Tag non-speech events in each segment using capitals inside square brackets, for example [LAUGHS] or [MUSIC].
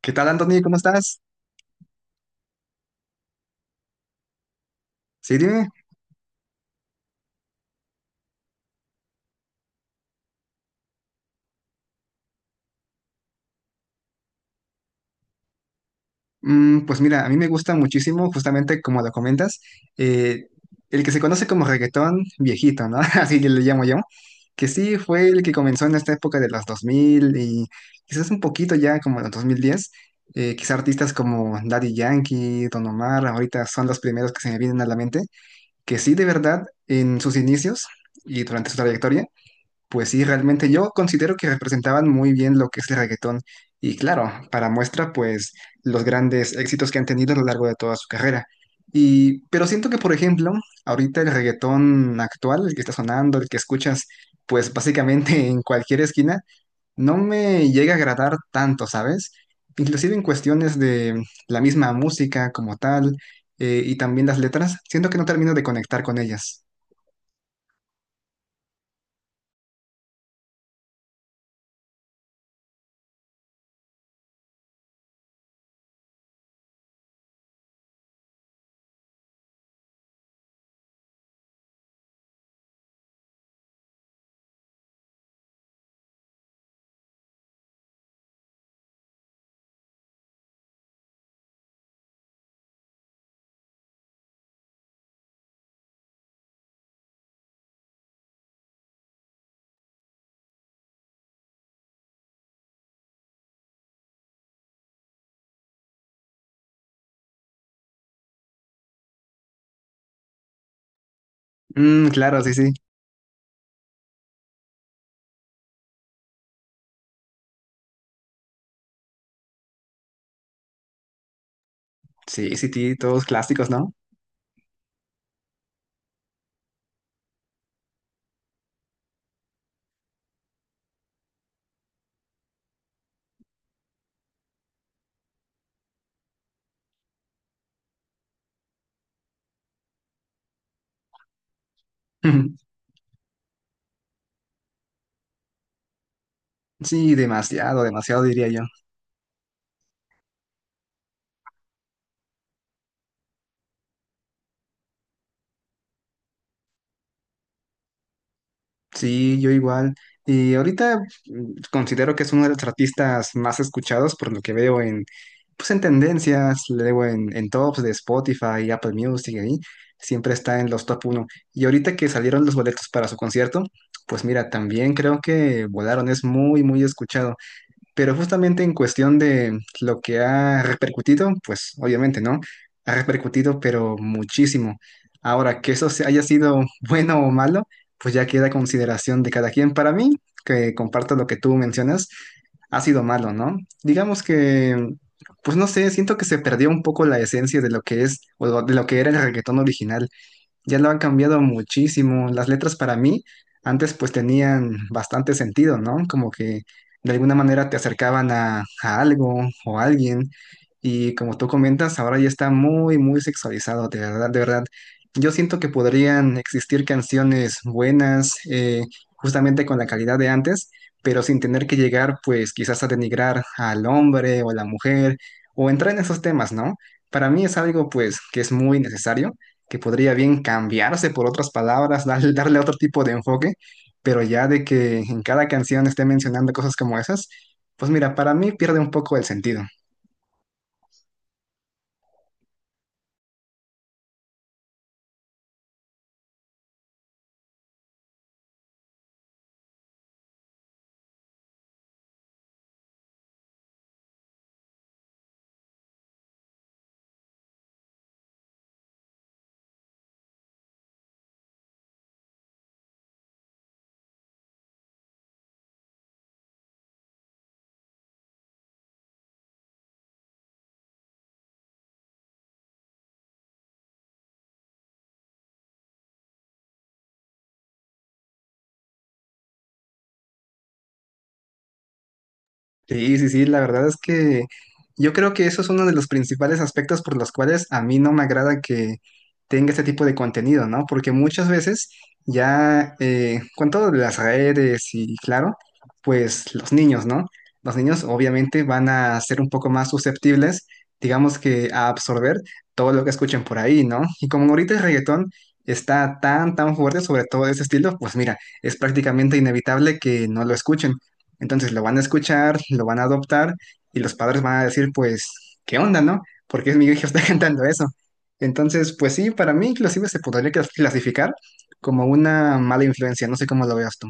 ¿Qué tal, Anthony? ¿Cómo estás? Sí, dime. Mm, pues mira, a mí me gusta muchísimo, justamente como lo comentas, eh, el que se conoce como reggaetón viejito, ¿no? [LAUGHS] Así le llamo yo, que sí fue el que comenzó en esta época de los 2000 y quizás un poquito ya como en los 2010. Quizás artistas como Daddy Yankee, Don Omar, ahorita son los primeros que se me vienen a la mente, que sí, de verdad, en sus inicios y durante su trayectoria, pues sí, realmente yo considero que representaban muy bien lo que es el reggaetón. Y claro, para muestra, pues los grandes éxitos que han tenido a lo largo de toda su carrera. Y, pero siento que, por ejemplo, ahorita el reggaetón actual, el que está sonando, el que escuchas, pues básicamente [LAUGHS] en cualquier esquina, no me llega a agradar tanto, ¿sabes? Inclusive en cuestiones de la misma música como tal, y también las letras, siento que no termino de conectar con ellas. Mm, claro, sí, sí. Sí, sí, sí, todos clásicos, ¿no? [LAUGHS] Ujú. Sí, demasiado, demasiado diría yo. Sí, yo igual. Y ahorita, mm, considero que es uno de los artistas más escuchados por lo que veo en, pues en tendencias, luego en tops de Spotify, Apple Music, ahí siempre está en los top uno. Y ahorita que salieron los boletos para su concierto, pues mira, también creo que Volaron es muy, muy escuchado. Pero justamente en cuestión de lo que ha repercutido, pues obviamente, ¿no? Ha repercutido, pero muchísimo. Ahora, que eso se- haya sido [LAUGHS] bueno o malo, pues ya queda a consideración de cada quien. Para mí, que comparto lo que tú mencionas, ha sido malo, ¿no? Digamos que, pues no sé, siento que se perdió un poco la esencia de lo que es o de lo que era el reggaetón original, ya lo han cambiado muchísimo. Las letras para mí antes pues tenían bastante sentido, ¿no? Como que de alguna manera te acercaban a algo o a alguien. Y como tú comentas, ahora ya está muy, muy sexualizado, de verdad, de verdad. Yo siento que podrían existir canciones buenas, justamente con la calidad de antes, pero sin tener que llegar pues quizás a denigrar al hombre o a la mujer o entrar en esos temas, ¿no? Para mí es algo pues que es muy necesario, que podría bien cambiarse por otras palabras, darle, [LAUGHS] darle otro tipo de enfoque, pero ya de que en cada canción esté mencionando cosas como esas, pues mira, para mí pierde un poco el sentido. Sí, sí, sí, la verdad es que yo creo que eso es uno de los principales aspectos por los cuales a mí no me agrada que tenga este tipo de contenido, ¿no? Porque muchas veces ya con todo de las redes y claro, pues los niños, ¿no? Los niños obviamente van a ser un poco más susceptibles, digamos que a absorber todo lo que escuchen por ahí, ¿no? Y como ahorita el reggaetón está tan, tan fuerte sobre todo ese estilo, pues mira, es prácticamente inevitable que no lo escuchen. Entonces lo van a escuchar, lo van a adoptar y los padres van a decir, pues, ¿qué onda, no? Porque es mi hijo está [LAUGHS] cantando eso. Entonces, pues sí, para mí inclusive se podría clasificar como una mala influencia, no sé cómo lo veas tú.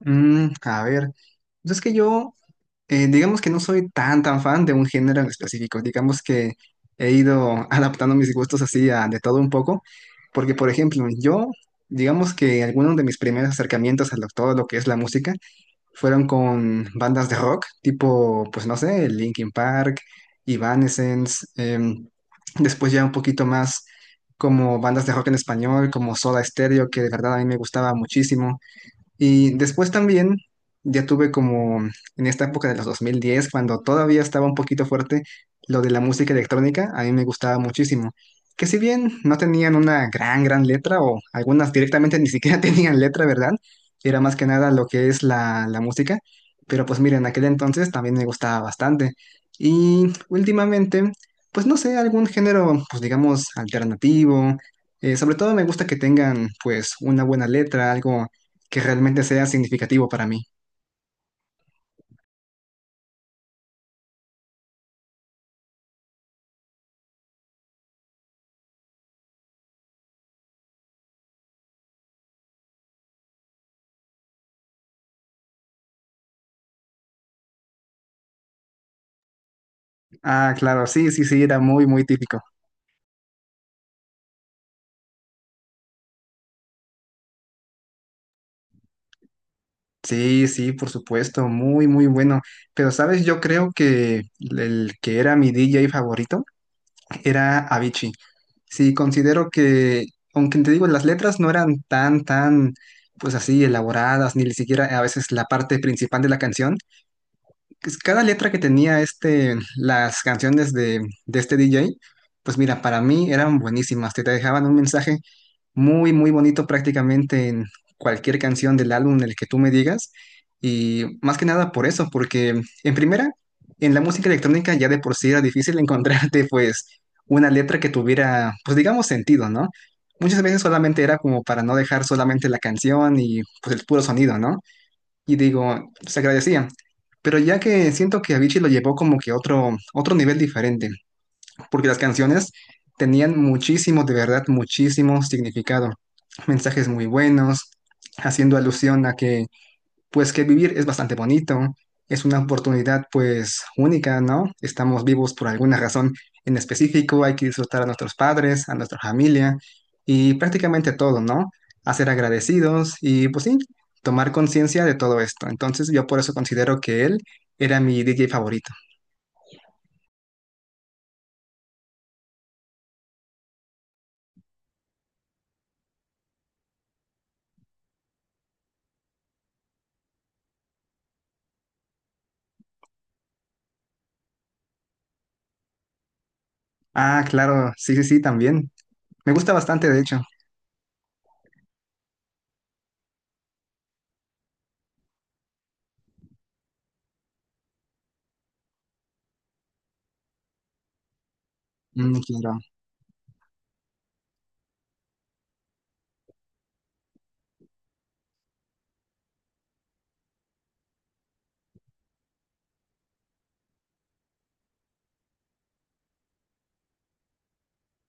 Mm, a ver, pues es que yo, digamos que no soy tan, tan fan de un género en específico, digamos que he ido [LAUGHS] adaptando mis gustos así a de todo un poco, porque por ejemplo, yo, digamos que algunos de mis primeros acercamientos a todo lo que es la música, fueron con bandas de rock, tipo, pues no sé, Linkin Park, Evanescence, después ya un poquito más como bandas de rock en español, como Soda Stereo, que de verdad a mí me gustaba muchísimo. Y después también ya tuve como en esta época de los 2010 cuando todavía estaba un poquito fuerte lo de la música electrónica, a mí me gustaba muchísimo. Que si bien no tenían una gran, gran letra o algunas directamente ni siquiera [LAUGHS] tenían letra, ¿verdad? Era más que nada lo que es la música. Pero pues miren, en aquel entonces también me gustaba bastante. Y últimamente, pues no sé, algún género, pues digamos, alternativo. Sobre todo me gusta que tengan pues una buena letra, algo que realmente sea significativo para mí. Ah, claro, sí, sí, sí, era muy, muy típico. Sí, sí, por supuesto, muy, muy bueno. Pero, ¿sabes? Yo creo que el que era mi DJ favorito era Avicii. Sí, considero que, aunque te digo, las letras no eran tan, tan, pues así, elaboradas, ni siquiera a veces la parte principal de la canción. Pues, cada letra que tenía este, las canciones de este DJ, pues mira, para mí eran buenísimas, te dejaban un mensaje muy, muy bonito prácticamente en cualquier canción del álbum en el que tú me digas. Y más que nada por eso, porque en primera, en la música electrónica ya de por sí era difícil [LAUGHS] encontrarte pues una letra que tuviera, pues digamos, sentido, ¿no? Muchas veces solamente era como para no dejar solamente la canción y pues el puro sonido, ¿no? Y digo, se agradecía. Pero ya que siento que Avicii lo llevó como que a otro, otro nivel diferente porque las canciones tenían muchísimo, de verdad, muchísimo significado. Mensajes muy buenos, haciendo alusión a que, pues, que vivir es bastante bonito, es una oportunidad, pues, única, ¿no? Estamos vivos por alguna razón en específico, hay que disfrutar a nuestros padres, a nuestra familia y prácticamente todo, ¿no? A ser agradecidos y, pues, sí, tomar conciencia de todo esto. Entonces, yo por eso considero que él era mi DJ favorito. Ah, claro, sí, sí, sí, también. Me gusta bastante, de hecho. Mm, claro.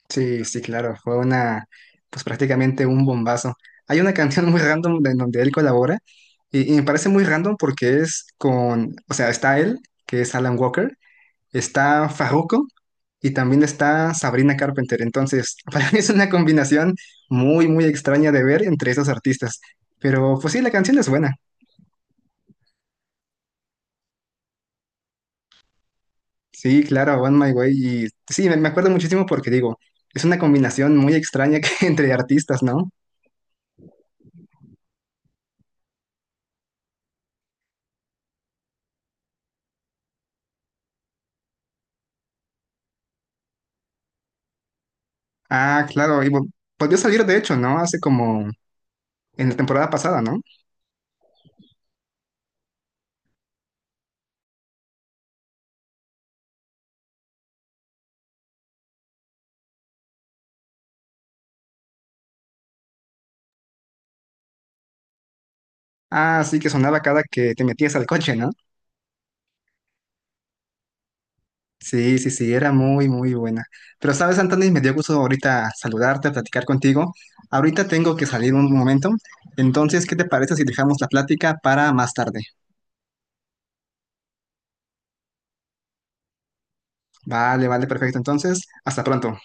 Sí, sí, claro. Fue una, pues prácticamente un bombazo. Hay una canción [LAUGHS] muy random en donde él colabora y me parece muy random porque es con, o sea, está él, que es Alan Walker, está Farruko y también está Sabrina Carpenter. Entonces, [LAUGHS] para mí es una combinación muy, muy extraña de ver entre esos artistas. Pero pues sí, la canción es buena. Sí, claro, One My Way. Y sí, me acuerdo muchísimo porque digo, es una combinación muy extraña [LAUGHS] entre artistas, ¿no? Ah, claro, y volvió a salir de hecho, ¿no? Hace como en la temporada pasada, ¿no? Ah, sí, que sonaba cada que te metías al coche, ¿no? Sí, sí, sí, era muy, muy buena. Pero sabes, Anthony, me dio gusto ahorita saludarte, platicar contigo. Ahorita tengo que salir un momento. Entonces, ¿qué te parece si dejamos la plática para más tarde? Vale, vale, perfecto. Entonces, hasta pronto.